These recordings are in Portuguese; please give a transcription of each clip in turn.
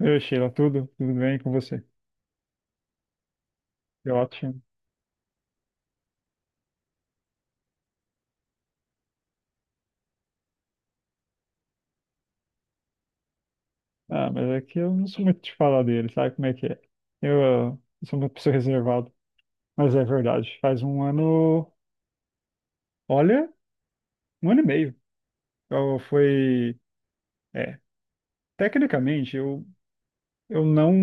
Oi, Sheila, tudo? Tudo bem com você? Que ótimo. Ah, mas é que eu não sou muito de falar dele, sabe como é que é? Eu, sou uma pessoa reservada, mas é verdade. Faz um ano, olha, um ano e meio. Eu foi, é, Tecnicamente eu não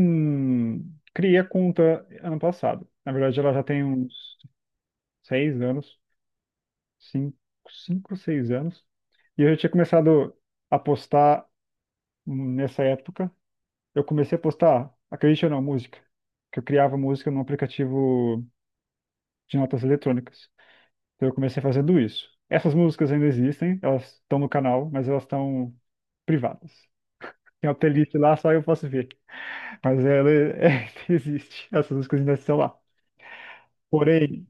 criei a conta ano passado. Na verdade, ela já tem uns 6 anos, cinco, cinco, seis anos. E eu já tinha começado a postar nessa época. Eu comecei a postar, acredite ou não, música. Que eu criava música num aplicativo de notas eletrônicas. Então eu comecei fazendo isso. Essas músicas ainda existem, elas estão no canal, mas elas estão privadas. Tem uma playlist lá, só eu posso ver. Mas ela é, existe. Essas músicas ainda estão lá. Porém,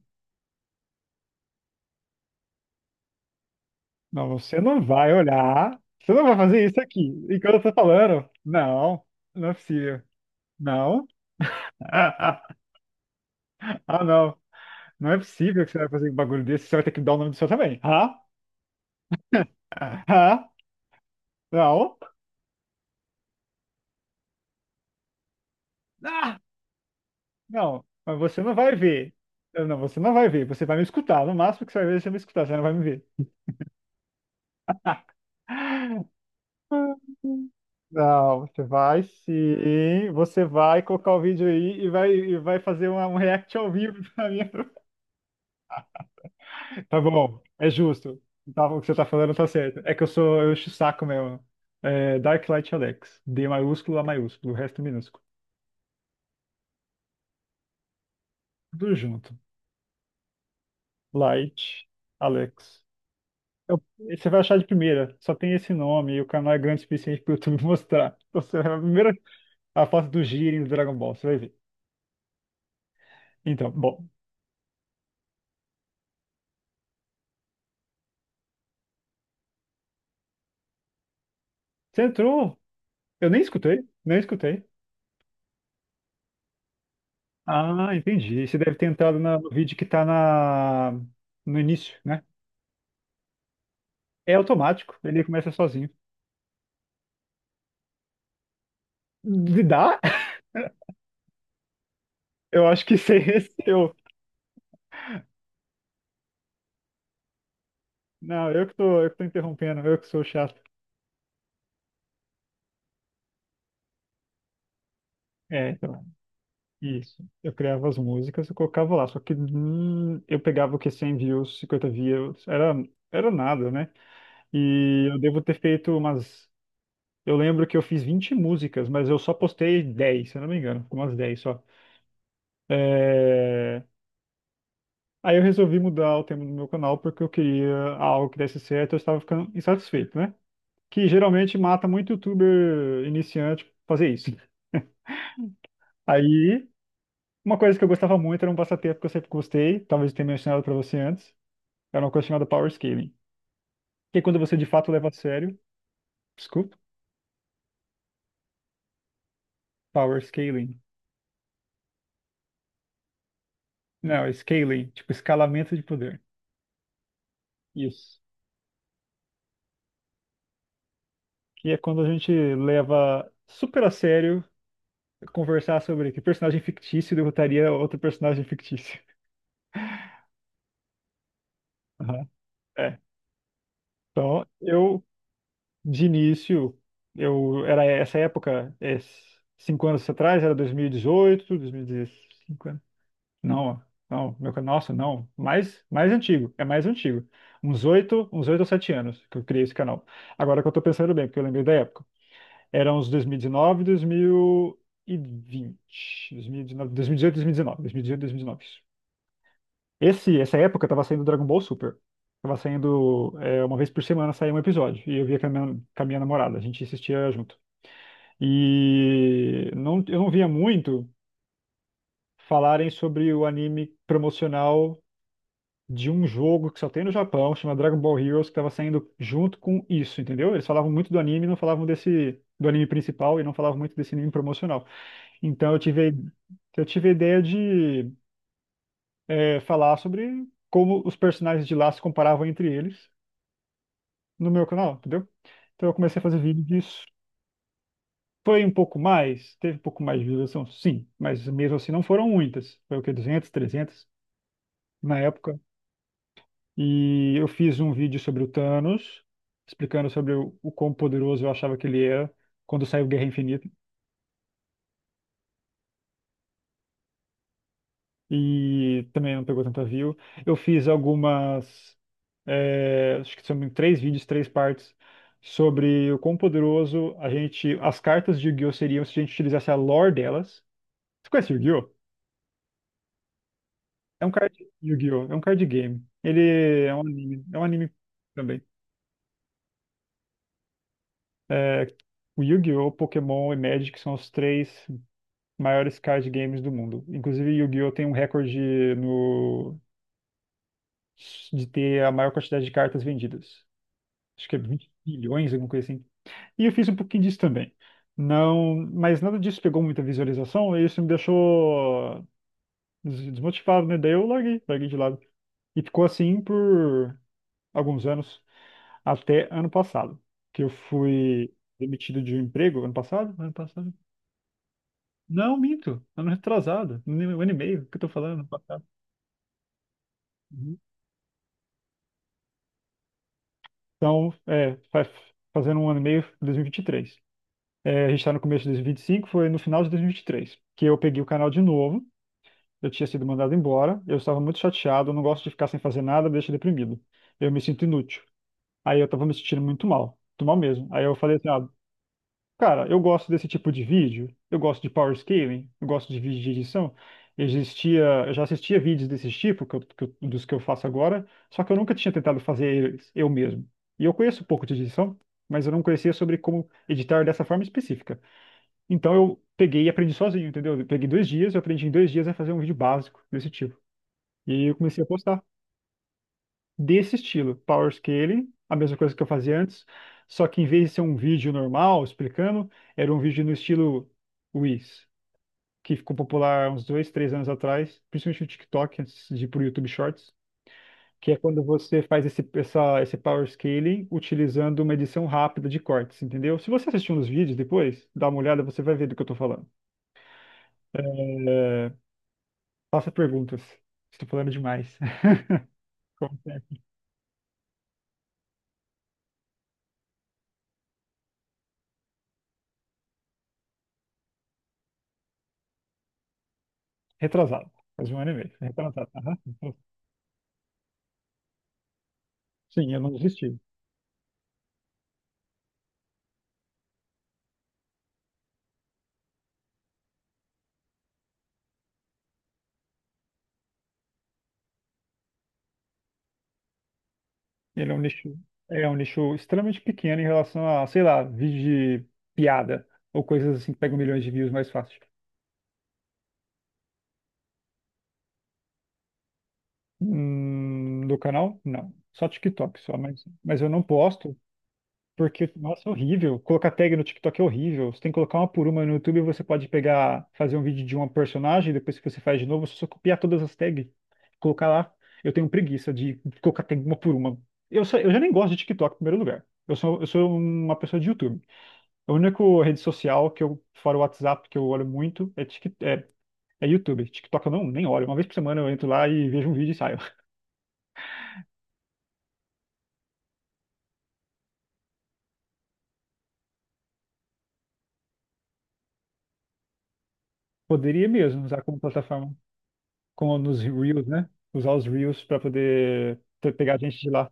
não, você não vai olhar. Você não vai fazer isso aqui. Enquanto eu tô falando, não, não é possível. Não? Ah, ah, ah, não. Não é possível que você vai fazer um bagulho desse, você vai ter que dar o nome do seu também. Ah? Ah, não, ah, não, mas você não vai ver. Não, você não vai ver, você vai me escutar. No máximo que você vai ver, você vai me escutar, você não vai me ver. Não, você vai sim, você vai colocar o vídeo aí e vai, fazer um react ao vivo pra mim. Tá bom, é justo. Tá, o que você tá falando tá certo. É que eu encho o saco mesmo. É, Dark Light Alex. D maiúsculo, A maiúsculo, o resto minúsculo. Tudo junto. Light Alex. Você vai achar de primeira, só tem esse nome e o canal é grande o suficiente para o YouTube mostrar. Então, você vai a primeira a foto do Jiren do Dragon Ball, você vai ver. Então, bom, você entrou, eu nem escutei, nem escutei. Ah, entendi. Você deve ter entrado no vídeo que tá no início, né? É automático, ele começa sozinho. Dá? Eu acho que esse é esse. Não, eu que tô interrompendo, eu que sou chato. É, então. Isso. Eu criava as músicas e colocava lá. Só que eu pegava o que 100 views, 50 views, era nada, né? E eu devo ter feito umas. Eu lembro que eu fiz 20 músicas, mas eu só postei 10 se eu não me engano, umas 10 só. É, Aí eu resolvi mudar o tema do meu canal porque eu queria algo que desse certo, eu estava ficando insatisfeito, né? Que geralmente mata muito youtuber iniciante fazer isso. Aí, uma coisa que eu gostava muito era um passatempo que eu sempre gostei, talvez eu tenha mencionado para você antes. É uma coisa chamada power scaling. Que é quando você de fato leva a sério. Desculpa. Power scaling. Não, é scaling, tipo escalamento de poder. Isso. Que é quando a gente leva super a sério conversar sobre que personagem fictício derrotaria outro personagem fictício. Aham. É. Então, eu, de início, eu era essa época, 5 anos atrás, era dois mil e dezoito, dois mil e 2015. Não, não, meu, nossa, não, mais antigo, é mais antigo. Uns oito ou sete anos que eu criei esse canal. Agora que eu tô pensando bem, porque eu lembrei da época. Era uns dois dois dois dois dois mil mil mil mil e dezoito, dois mil e vinte, dezoito, mil e dezoito, dois mil e 2019. Essa época tava saindo Dragon Ball Super. Tava saindo, uma vez por semana saía um episódio, e eu via com a minha, namorada, a gente assistia junto. E não, eu não via muito falarem sobre o anime promocional de um jogo que só tem no Japão, chama Dragon Ball Heroes, que estava saindo junto com isso, entendeu? Eles falavam muito do anime, não falavam desse do anime principal e não falavam muito desse anime promocional. Então eu tive a ideia de falar sobre como os personagens de lá se comparavam entre eles no meu canal, entendeu? Então eu comecei a fazer vídeo disso. Foi um pouco mais, teve um pouco mais de visualização, sim, mas mesmo assim não foram muitas. Foi o que, 200, 300 na época. E eu fiz um vídeo sobre o Thanos, explicando sobre o quão poderoso eu achava que ele era quando saiu Guerra Infinita. E também não pegou tanta view. Eu fiz algumas, acho que são em três vídeos, três partes, sobre o quão poderoso as cartas de Yu-Gi-Oh! Seriam se a gente utilizasse a lore delas. Você conhece Yu-Gi-Oh? É um card, Yu-Gi-Oh! É um card game. Ele é um anime também. É, o Yu-Gi-Oh!, Pokémon e Magic são os três maiores card games do mundo. Inclusive, Yu-Gi-Oh! Tem um recorde no... de ter a maior quantidade de cartas vendidas. Acho que é 20 milhões, alguma coisa assim. E eu fiz um pouquinho disso também. Não, mas nada disso pegou muita visualização e isso me deixou desmotivado, né? Daí eu larguei, larguei de lado. E ficou assim por alguns anos, até ano passado, que eu fui demitido de um emprego ano passado, ano passado. Não, minto, ano retrasado, um ano e meio, o que eu tô falando, ano passado. Uhum. Então, fazendo um ano e meio, 2023. A gente está no começo de dois mil e vinte e cinco. Foi no final de dois mil e vinte e três que eu peguei o canal de novo. Eu tinha sido mandado embora, eu estava muito chateado, eu não gosto de ficar sem fazer nada, me deixa deprimido. Eu me sinto inútil. Aí eu estava me sentindo muito mal mesmo. Aí eu falei assim, cara, eu gosto desse tipo de vídeo, eu gosto de power scaling, eu gosto de vídeo de edição. Existia, eu já assistia vídeos desse tipo, dos que eu faço agora, só que eu nunca tinha tentado fazer eles eu mesmo. E eu conheço um pouco de edição, mas eu não conhecia sobre como editar dessa forma específica. Então eu peguei e aprendi sozinho, entendeu? Eu peguei 2 dias, eu aprendi em 2 dias a fazer um vídeo básico desse tipo. E aí eu comecei a postar desse estilo, power scaling, a mesma coisa que eu fazia antes, só que em vez de ser um vídeo normal explicando, era um vídeo no estilo Reels, que ficou popular uns dois, três anos atrás, principalmente no TikTok, antes de ir pro YouTube Shorts, que é quando você faz esse power scaling utilizando uma edição rápida de cortes, entendeu? Se você assistir uns vídeos depois, dá uma olhada, você vai ver do que eu tô falando. É, Faça perguntas. Estou falando demais. Retrasado. Faz um ano e meio. Retrasado. Aham. Sim, eu não desisti. Ele é um nicho, extremamente pequeno em relação a, sei lá, vídeo de piada ou coisas assim que pegam milhões de views mais fácil. Do canal? Não. Só TikTok, só, mas eu não posto porque, nossa, é horrível. Colocar tag no TikTok é horrível. Você tem que colocar uma por uma no YouTube, você pode pegar, fazer um vídeo de uma personagem, depois que você faz de novo, você só copiar todas as tags, colocar lá. Eu tenho preguiça de colocar tag uma por uma. Eu já nem gosto de TikTok em primeiro lugar. Eu sou uma pessoa de YouTube. A única rede social que eu, fora o WhatsApp, que eu olho muito é YouTube. TikTok eu nem olho. Uma vez por semana eu entro lá e vejo um vídeo e saio. Poderia mesmo usar como plataforma, como nos Reels, né? Usar os Reels para poder pegar gente de lá.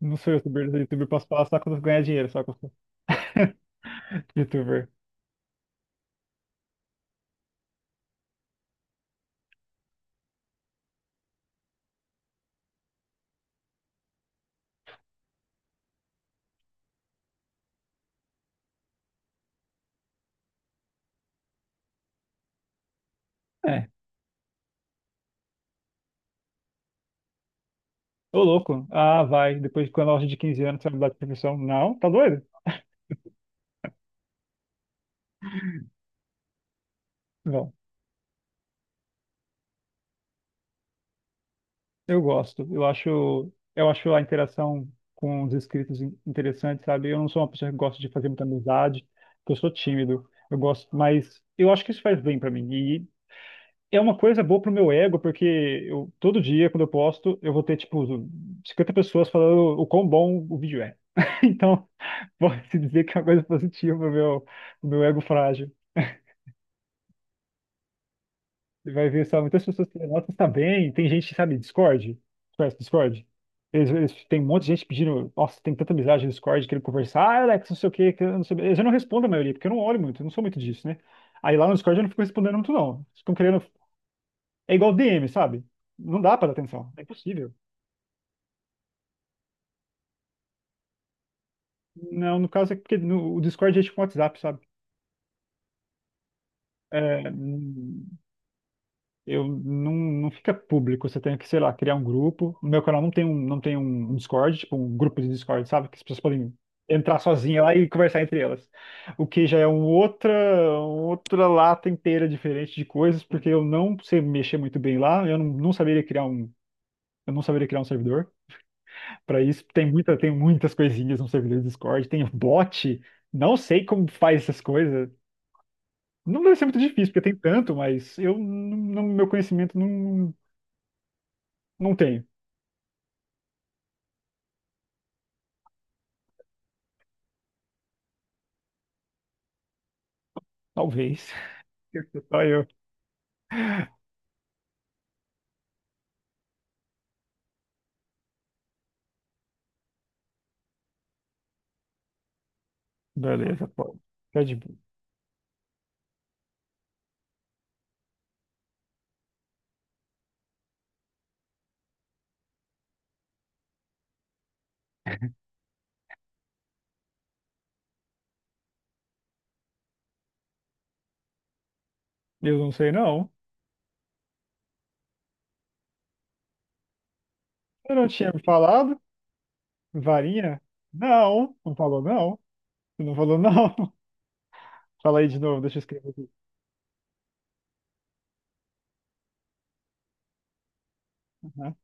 Não sou youtuber, sou youtuber posso falar só quando ganhar dinheiro, só quando youtuber. É, ô louco. Ah, vai. Depois de quando a loja de 15 anos, você vai mudar de profissão. Não, tá doido? Não. Eu gosto. Eu acho a interação com os inscritos interessante, sabe? Eu não sou uma pessoa que gosta de fazer muita amizade, porque eu sou tímido. Eu gosto, mas eu acho que isso faz bem pra mim. E é uma coisa boa pro meu ego, porque eu todo dia quando eu posto, eu vou ter tipo 50 pessoas falando o quão bom o vídeo é. Então, pode-se dizer que é uma coisa positiva pro meu, ego frágil. Você vai ver só muitas pessoas que nossa tá bem. Tem gente, sabe, Discord? Você conhece Discord? Tem um monte de gente pedindo. Nossa, tem tanta amizade no Discord querendo conversar. Ah, Alex, não sei o quê, que eu não sei. Eles eu não respondo a maioria, porque eu não olho muito, eu não sou muito disso, né? Aí lá no Discord eu não fico respondendo muito, não. Eles ficam querendo. É igual DM, sabe? Não dá pra dar atenção. É impossível. Não, no caso é porque no, o Discord é tipo um WhatsApp, sabe? É, eu não, não fica público. Você tem que, sei lá, criar um grupo. No meu canal não tem um Discord, tipo um grupo de Discord, sabe? Que as pessoas podem entrar sozinha lá e conversar entre elas. O que já é outra lata inteira diferente de coisas, porque eu não sei mexer muito bem lá. Eu não, Não saberia eu não saberia criar um servidor. Para isso tem muitas coisinhas no servidor do Discord. Tem bot. Não sei como faz essas coisas. Não deve ser muito difícil, porque tem tanto, mas eu, não, não- meu conhecimento não tenho. Talvez. Só eu. Beleza, pô. Tá de boa. Eu não sei, não. Você não tinha me falado? Varinha? Não. Não falou, não. Você não falou, não. Fala aí de novo, deixa eu escrever aqui. Aham.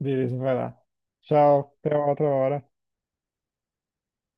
Beleza, vai lá. Tchau, até uma outra hora.